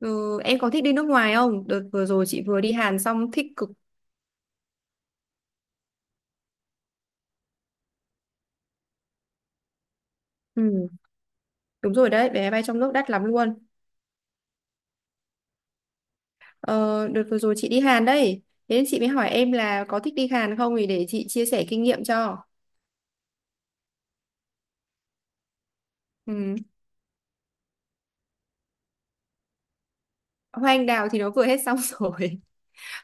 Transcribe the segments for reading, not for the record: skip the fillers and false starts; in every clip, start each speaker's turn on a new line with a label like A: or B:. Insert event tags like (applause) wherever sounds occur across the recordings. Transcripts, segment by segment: A: Ừ, em có thích đi nước ngoài không? Đợt vừa rồi chị vừa đi Hàn xong thích cực. Ừ, đúng rồi đấy, vé máy bay trong nước đắt lắm luôn. Ờ, đợt vừa rồi chị đi Hàn đấy. Thế nên chị mới hỏi em là có thích đi Hàn không thì để chị chia sẻ kinh nghiệm cho. Ừ. Hoa anh đào thì nó vừa hết xong (laughs) rồi.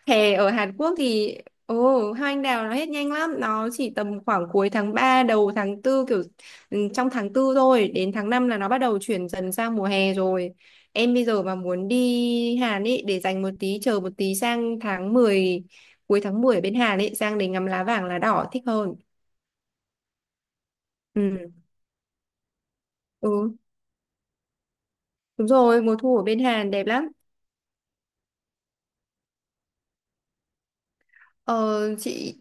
A: Hè ở Hàn Quốc thì ồ hoa anh đào nó hết nhanh lắm, nó chỉ tầm khoảng cuối tháng 3 đầu tháng tư kiểu trong tháng tư thôi, đến tháng 5 là nó bắt đầu chuyển dần sang mùa hè rồi. Em bây giờ mà muốn đi Hàn ấy để dành một tí chờ một tí sang tháng mười, cuối tháng 10 ở bên Hàn ấy sang để ngắm lá vàng lá đỏ thích hơn. Ừ. Ừ, đúng rồi, mùa thu ở bên Hàn đẹp lắm. Ờ, chị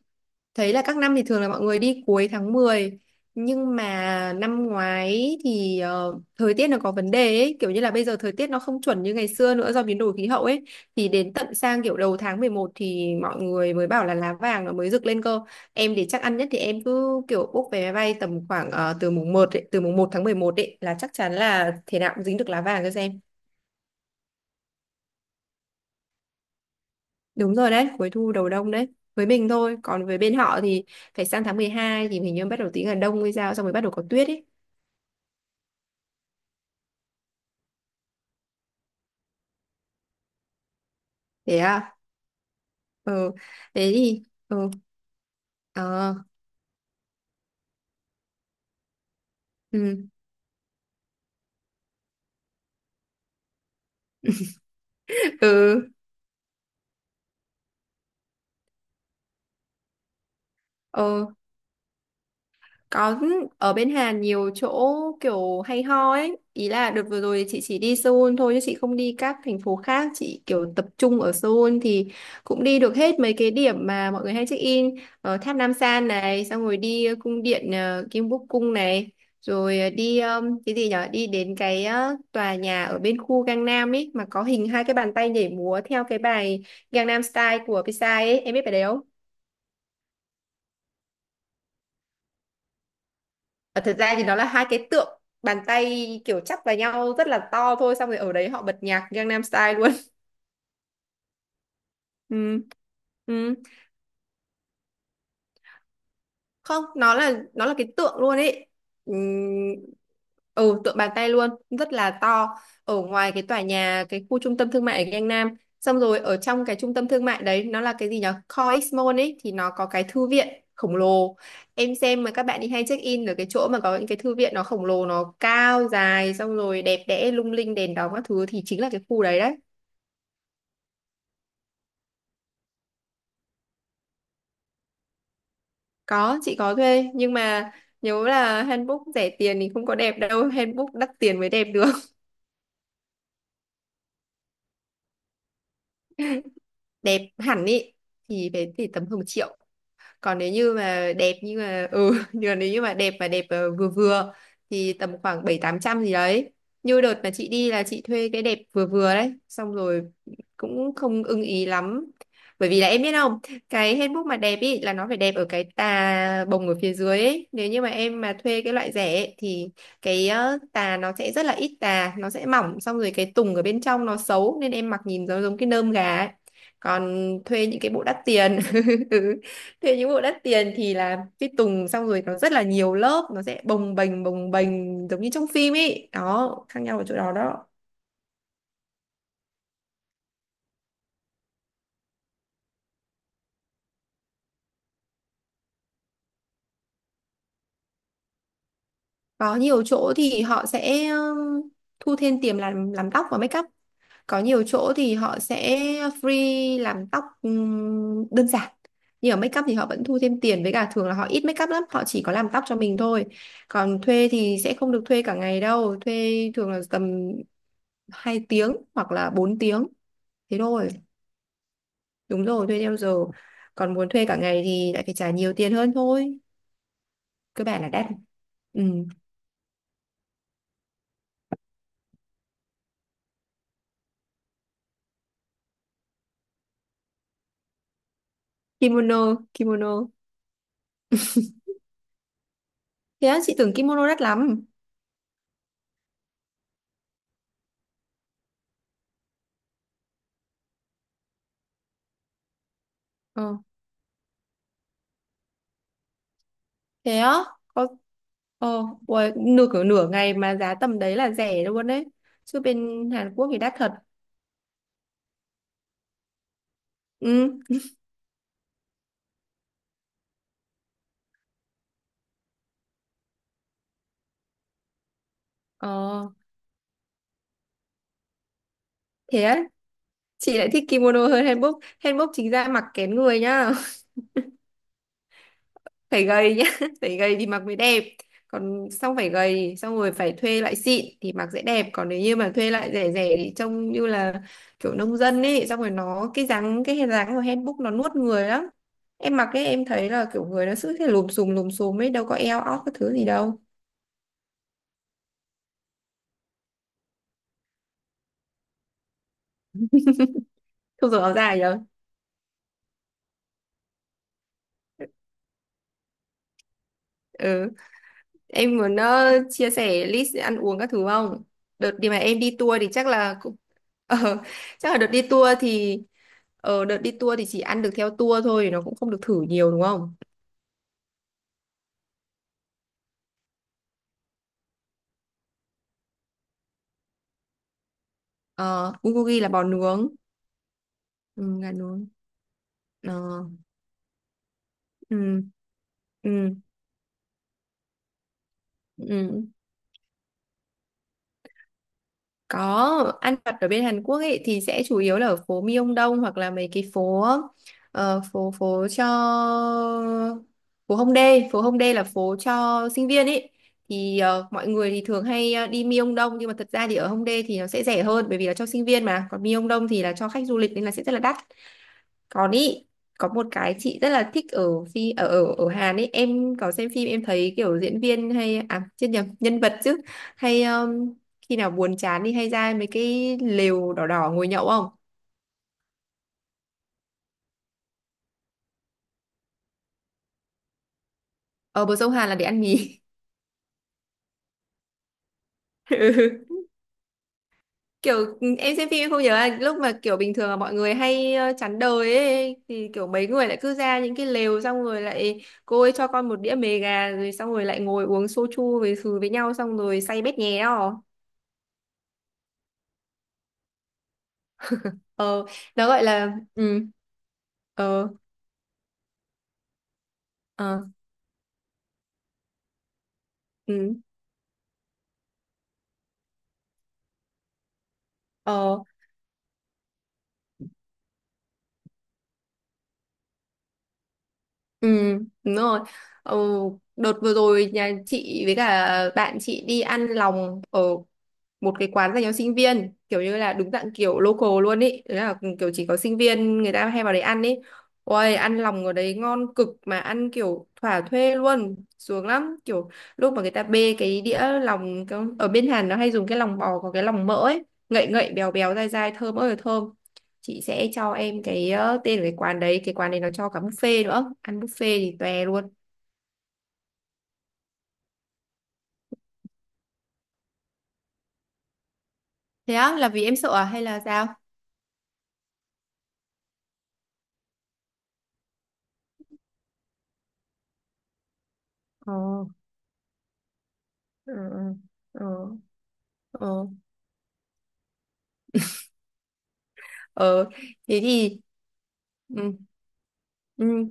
A: thấy là các năm thì thường là mọi người đi cuối tháng mười, nhưng mà năm ngoái thì thời tiết nó có vấn đề ấy, kiểu như là bây giờ thời tiết nó không chuẩn như ngày xưa nữa do biến đổi khí hậu ấy, thì đến tận sang kiểu đầu tháng 11 thì mọi người mới bảo là lá vàng nó mới rực lên cơ. Em để chắc ăn nhất thì em cứ kiểu book vé máy bay tầm khoảng từ mùng một tháng 11 ấy là chắc chắn là thế nào cũng dính được lá vàng cho xem. Đúng rồi đấy, cuối thu đầu đông đấy. Với mình thôi, còn với bên họ thì phải sang tháng 12 thì mình như bắt đầu tí là đông hay sao xong rồi bắt đầu có tuyết ấy. Thế à? Ừ. Thế thì ừ. Ờ. Ừ. (laughs) Ừ. Ờ. Có. Ở bên Hàn nhiều chỗ kiểu hay ho ấy. Ý là đợt vừa rồi chị chỉ đi Seoul thôi chứ chị không đi các thành phố khác. Chị kiểu tập trung ở Seoul thì cũng đi được hết mấy cái điểm mà mọi người hay check in. Ở tháp Nam San này, xong rồi đi cung điện Kim Búc Cung này. Rồi đi cái gì nhở? Đi đến cái tòa nhà ở bên khu Gangnam ấy mà có hình hai cái bàn tay nhảy múa theo cái bài Gangnam Style của Psy ấy. Em biết bài đấy không? Ờ, thật ra thì nó là hai cái tượng bàn tay kiểu chắp vào nhau rất là to thôi, xong rồi ở đấy họ bật nhạc Gangnam Style luôn. (laughs) Ừ. Ừ. Không, nó là cái tượng luôn ấy. Ừm, tượng bàn tay luôn, rất là to, ở ngoài cái tòa nhà, cái khu trung tâm thương mại ở Gangnam, xong rồi ở trong cái trung tâm thương mại đấy nó là cái gì nhở, COEX Mall ấy, thì nó có cái thư viện khổng lồ. Em xem mà các bạn đi hay check in ở cái chỗ mà có những cái thư viện nó khổng lồ, nó cao dài xong rồi đẹp đẽ lung linh đèn đóm các thứ thì chính là cái khu đấy đấy. Có, chị có thuê, nhưng mà nhớ là handbook rẻ tiền thì không có đẹp đâu. (laughs) Handbook đắt tiền mới đẹp được. Đẹp hẳn ý thì thì tầm hơn một triệu. Còn nếu như mà đẹp như mà (laughs) nhưng nếu như mà đẹp vừa vừa thì tầm khoảng bảy tám trăm gì đấy. Như đợt mà chị đi là chị thuê cái đẹp vừa vừa đấy, xong rồi cũng không ưng ý lắm, bởi vì là em biết không, cái handbook mà đẹp ý là nó phải đẹp ở cái tà bồng ở phía dưới ấy. Nếu như mà em mà thuê cái loại rẻ ấy, thì cái tà nó sẽ rất là ít, tà nó sẽ mỏng, xong rồi cái tùng ở bên trong nó xấu nên em mặc nhìn giống giống cái nơm gà ấy. Còn thuê những cái bộ đắt tiền (laughs) thế những bộ đắt tiền thì là cái tùng xong rồi nó rất là nhiều lớp, nó sẽ bồng bềnh giống như trong phim ấy đó, khác nhau ở chỗ đó đó. Có nhiều chỗ thì họ sẽ thu thêm tiền làm tóc và make up. Có nhiều chỗ thì họ sẽ free làm tóc đơn giản, nhưng ở make up thì họ vẫn thu thêm tiền, với cả thường là họ ít make up lắm, họ chỉ có làm tóc cho mình thôi. Còn thuê thì sẽ không được thuê cả ngày đâu, thuê thường là tầm 2 tiếng hoặc là 4 tiếng, thế thôi. Đúng rồi, thuê theo giờ. Còn muốn thuê cả ngày thì lại phải trả nhiều tiền hơn thôi. Cơ bản là đắt. Ừ. Kimono, kimono. Thế á, chị tưởng kimono đắt lắm. Ờ, thế á? Có, uầy, nửa ngày mà giá tầm đấy là rẻ luôn đấy. Chứ bên Hàn Quốc thì đắt thật. Ừ, ờ, thế á, chị lại thích kimono hơn hanbok. Hanbok chính ra mặc kén người nhá. Phải gầy nhá, (laughs) phải gầy thì mặc mới đẹp, còn xong phải gầy xong rồi phải thuê lại xịn thì mặc sẽ đẹp, còn nếu như mà thuê lại rẻ rẻ thì trông như là kiểu nông dân ấy, xong rồi nó cái hình dáng của handbook nó nuốt người lắm. Em mặc ấy, em thấy là kiểu người nó cứ thế lùm xùm ấy, đâu có eo óc cái thứ gì đâu. Không dùng áo dài đâu. Ừ. Em muốn chia sẻ list ăn uống các thứ không? Đợt đi mà em đi tour thì chắc là cũng ờ, (laughs) chắc là đợt đi tour thì đợt đi tour thì chỉ ăn được theo tour thôi, nó cũng không được thử nhiều đúng không? Ờ, bulgogi là bò nướng, ừ, gà nướng. Ờ, ừ, ừ, ừ. Ừ. Có, ăn vặt ở bên Hàn Quốc ấy thì sẽ chủ yếu là ở phố Myeongdong hoặc là mấy cái phố ờ, phố phố cho phố Hongdae là phố cho sinh viên ấy. Thì mọi người thì thường hay đi Myeongdong, nhưng mà thật ra thì ở Hongdae thì nó sẽ rẻ hơn bởi vì là cho sinh viên mà, còn Myeongdong thì là cho khách du lịch nên là sẽ rất là đắt. Còn ý có một cái chị rất là thích ở phi ở ở ở Hàn ấy, em có xem phim em thấy kiểu diễn viên hay à chết nhầm nhân vật chứ, hay khi nào buồn chán đi hay ra mấy cái lều đỏ đỏ ngồi nhậu không? Ở bờ sông Hàn là để ăn mì. (laughs) Ừ. Kiểu em xem phim em không nhớ là lúc mà kiểu bình thường là mọi người hay chán đời ấy thì kiểu mấy người lại cứ ra những cái lều xong rồi lại cô ấy cho con một đĩa mề gà rồi xong rồi lại ngồi uống soju với nhau xong rồi say bét nhé đó. Ờ. Nó gọi là ừ. Ờ. ờ ừ. Ờ. Ừ. Đúng rồi. Ờ. Đợt vừa rồi nhà chị với cả bạn chị đi ăn lòng ở một cái quán dành cho sinh viên kiểu như là đúng dạng kiểu local luôn ý, đấy là kiểu chỉ có sinh viên người ta hay vào đấy ăn ý. Ôi ăn lòng ở đấy ngon cực, mà ăn kiểu thỏa thuê luôn sướng lắm kiểu lúc mà người ta bê cái đĩa lòng ở bên Hàn nó hay dùng cái lòng bò, có cái lòng mỡ ấy, ngậy ngậy béo béo dai dai thơm ơi là thơm. Chị sẽ cho em cái tên của cái quán đấy, cái quán này nó cho cả buffet nữa, ăn buffet thì tòe luôn. Thế á, là vì em sợ à hay là sao? Ờ, ừ, ừ, ừ. Ừ. ờ Thế thì ừ, ừ.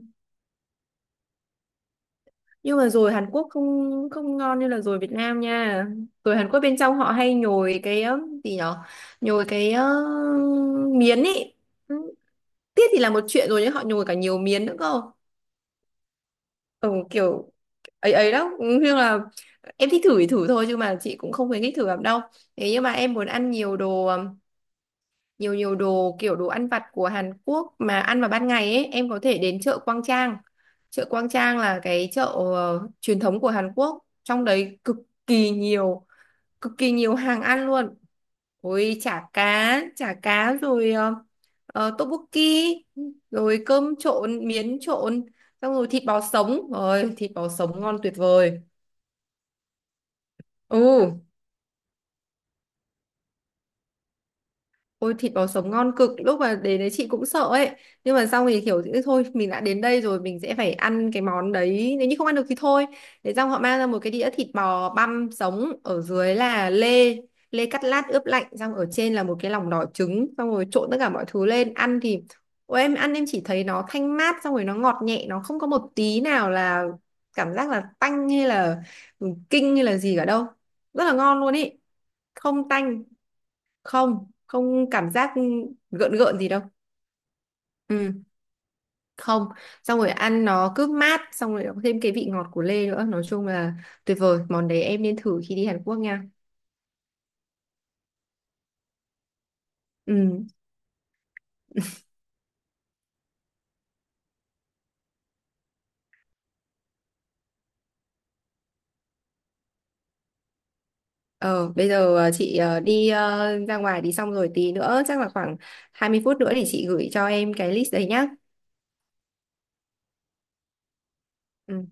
A: Nhưng mà rồi Hàn Quốc không không ngon như là rồi Việt Nam nha. Rồi Hàn Quốc bên trong họ hay nhồi cái gì nhở, nhồi cái miến ấy. Ừ, tiết thì là một chuyện rồi nhưng họ nhồi cả nhiều miến nữa cơ. Ừ, kiểu ấy ấy đó. Ừ, nhưng là em thích thử thì thử thôi chứ mà chị cũng không khuyến khích thử lắm đâu. Thế nhưng mà em muốn ăn nhiều đồ, nhiều nhiều đồ kiểu đồ ăn vặt của Hàn Quốc mà ăn vào ban ngày ấy, em có thể đến chợ Quang Trang. Chợ Quang Trang là cái chợ truyền thống của Hàn Quốc, trong đấy kỳ nhiều cực kỳ nhiều hàng ăn luôn. Ôi chả cá, chả cá rồi tteokbokki, rồi cơm trộn, miến trộn, xong rồi thịt bò sống, rồi thịt bò sống ngon tuyệt vời. Ừ. Ôi thịt bò sống ngon cực, lúc mà đến đấy chị cũng sợ ấy, nhưng mà xong thì kiểu "Ừ, thôi mình đã đến đây rồi mình sẽ phải ăn cái món đấy, nếu như không ăn được thì thôi." Thế xong họ mang ra một cái đĩa thịt bò băm sống, ở dưới là lê, lê cắt lát ướp lạnh, xong ở trên là một cái lòng đỏ trứng, xong rồi trộn tất cả mọi thứ lên ăn thì ôi em ăn em chỉ thấy nó thanh mát, xong rồi nó ngọt nhẹ, nó không có một tí nào là cảm giác là tanh hay là kinh hay là gì cả đâu, rất là ngon luôn ý. Không tanh, không không cảm giác gợn gợn gì đâu. Ừ. Không. Xong rồi ăn nó cứ mát, xong rồi nó có thêm cái vị ngọt của lê nữa, nói chung là tuyệt vời, món đấy em nên thử khi đi Hàn Quốc nha. Ừ. ờ Bây giờ chị đi ra ngoài đi, xong rồi tí nữa chắc là khoảng 20 phút nữa thì chị gửi cho em cái list đấy nhá. Ừ